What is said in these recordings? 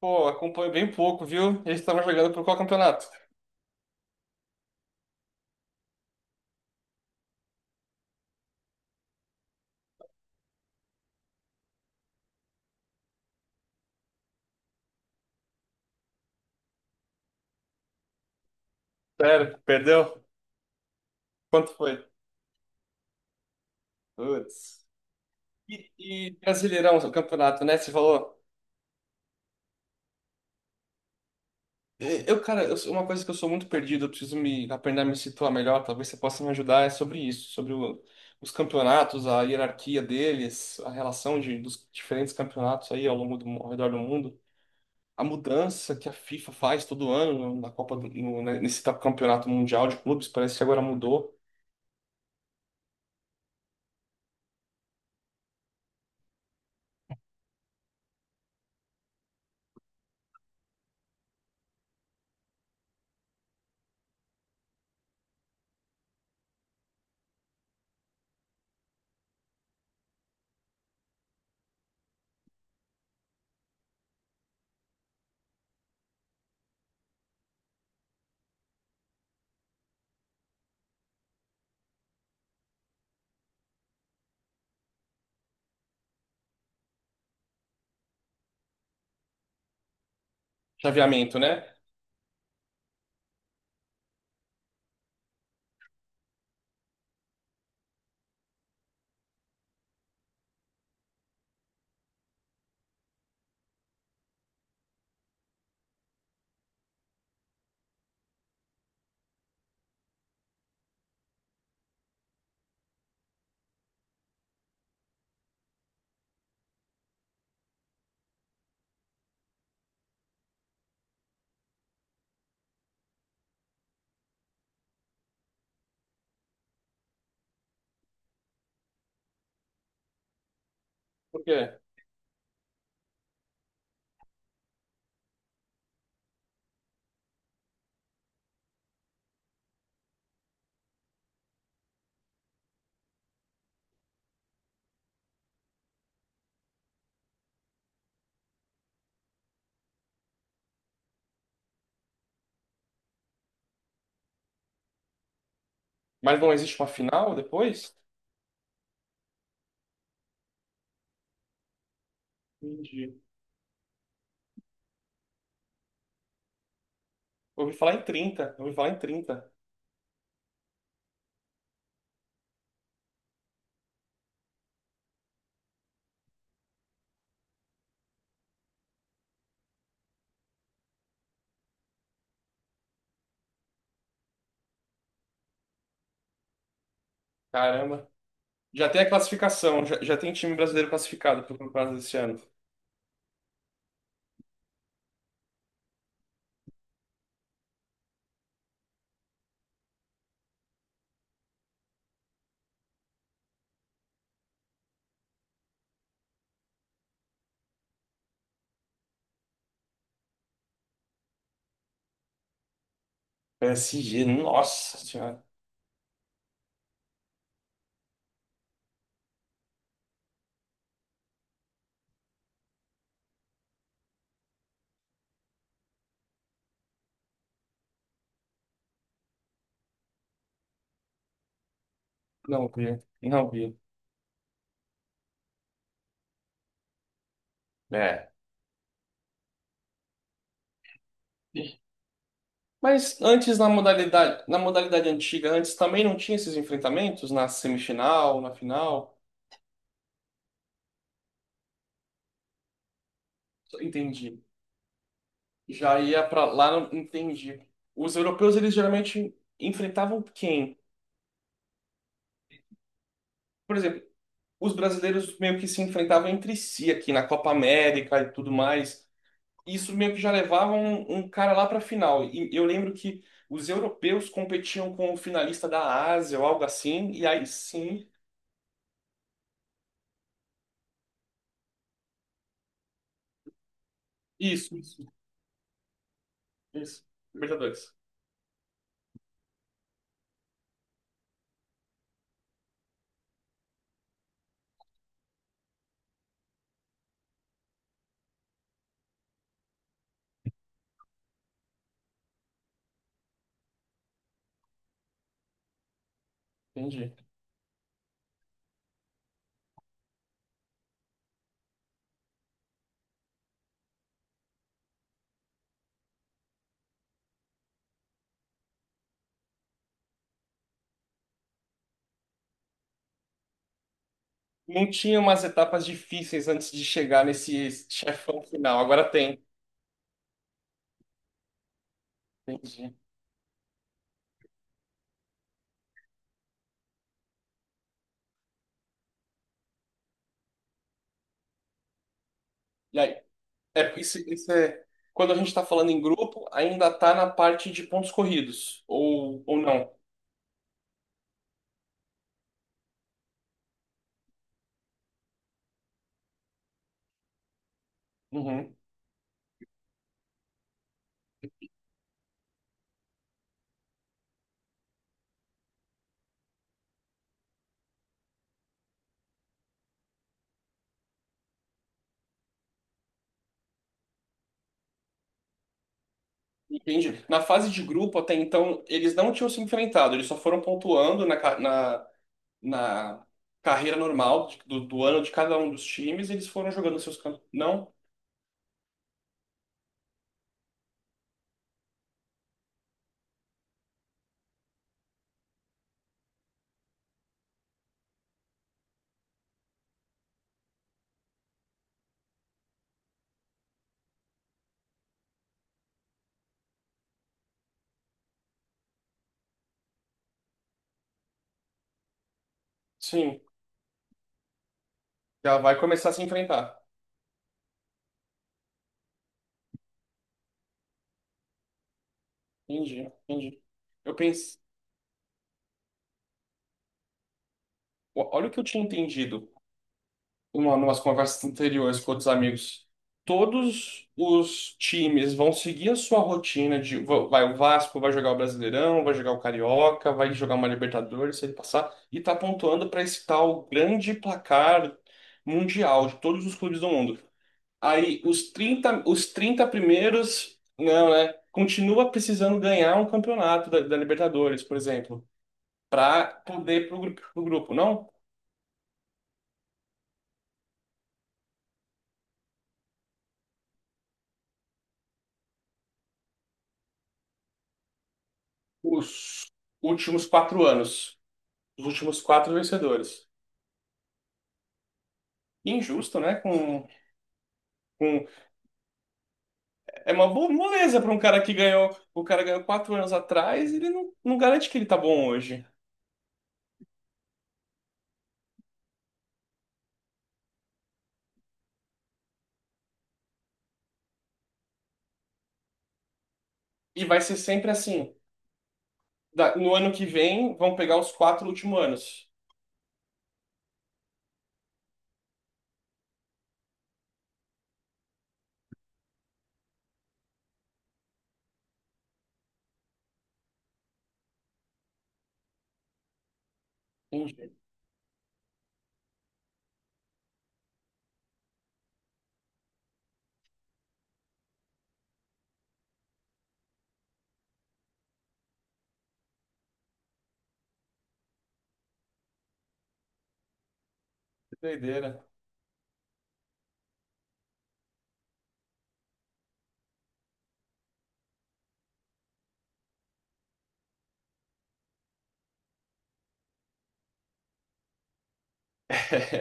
Pô, acompanho bem pouco, viu? Eles estavam jogando por qual campeonato? Sério, perdeu? Quanto foi? Putz. E Brasileirão, o campeonato, né? Você falou. Cara, uma coisa que eu sou muito perdido, eu preciso me aprender a me situar melhor, talvez você possa me ajudar, é sobre isso, sobre os campeonatos, a hierarquia deles, a relação dos diferentes campeonatos aí ao redor do mundo, a mudança que a FIFA faz todo ano na Copa do, no, né, nesse campeonato mundial de clubes, parece que agora mudou. Chaveamento, né? Por quê? Mas não existe uma final depois? Entendi. Ouvi falar em 30, ouvi falar em 30. Caramba. Já tem a classificação. Já, já tem time brasileiro classificado para o campeonato desse ano. PSG, nossa senhora. Não vi. Não vi. É. Mas antes na modalidade antiga, antes também não tinha esses enfrentamentos na semifinal, na final. Entendi. Já ia pra lá, não entendi. Os europeus eles geralmente enfrentavam quem? Por exemplo, os brasileiros meio que se enfrentavam entre si aqui na Copa América e tudo mais. Isso meio que já levava um cara lá para a final. E eu lembro que os europeus competiam com o finalista da Ásia ou algo assim, e aí sim. Isso, isso, isso. Libertadores. Entendi. Não tinha umas etapas difíceis antes de chegar nesse chefão final. Agora tem. Entendi. E aí, é, isso é. Quando a gente está falando em grupo, ainda tá na parte de pontos corridos. Ou não. Uhum. Entendi. Na fase de grupo, até então, eles não tinham se enfrentado, eles só foram pontuando na na carreira normal do do ano de cada um dos times, e eles foram jogando seus cantos. Não? Sim, já vai começar a se enfrentar. Entendi, entendi. Eu pensei, olha o que eu tinha entendido. Numas conversas anteriores com outros amigos, todos os times vão seguir a sua rotina de vai o Vasco vai jogar o Brasileirão, vai jogar o Carioca, vai jogar uma Libertadores, se ele passar, e tá pontuando para esse tal grande placar mundial de todos os clubes do mundo. Aí os 30 primeiros, não, né? Continua precisando ganhar um campeonato da Libertadores, por exemplo, para poder ir pro grupo, não? Os últimos quatro anos. Os últimos quatro vencedores. Injusto, né? Com... É uma moleza para um cara que ganhou. O cara ganhou quatro anos atrás, ele não, não garante que ele tá bom hoje. E vai ser sempre assim. No ano que vem, vão pegar os quatro últimos anos. Entendi. Que doideira.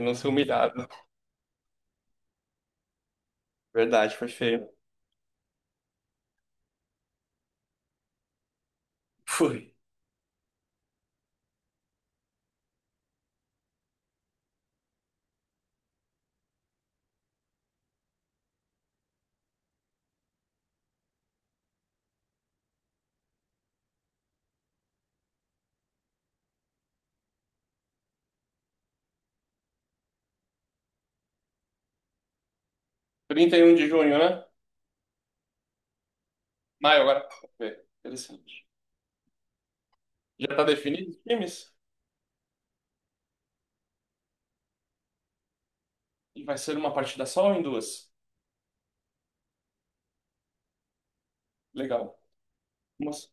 Não ser humilhado. Verdade, foi feio. Foi. 31 de junho, né? Maio agora. Vamos ver. Interessante. Já tá definido os times? E vai ser uma partida só ou em duas? Legal. Nossa,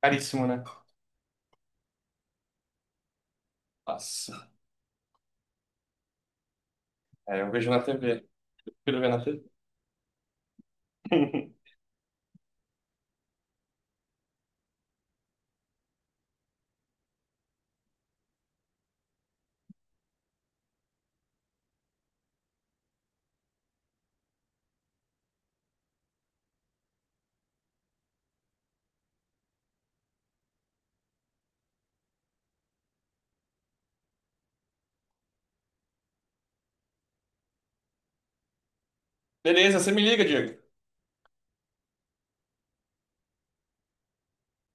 caríssimo, né? Nossa. É, eu vejo na TV. Prefiro ver na TV. Beleza, você me liga, Diego.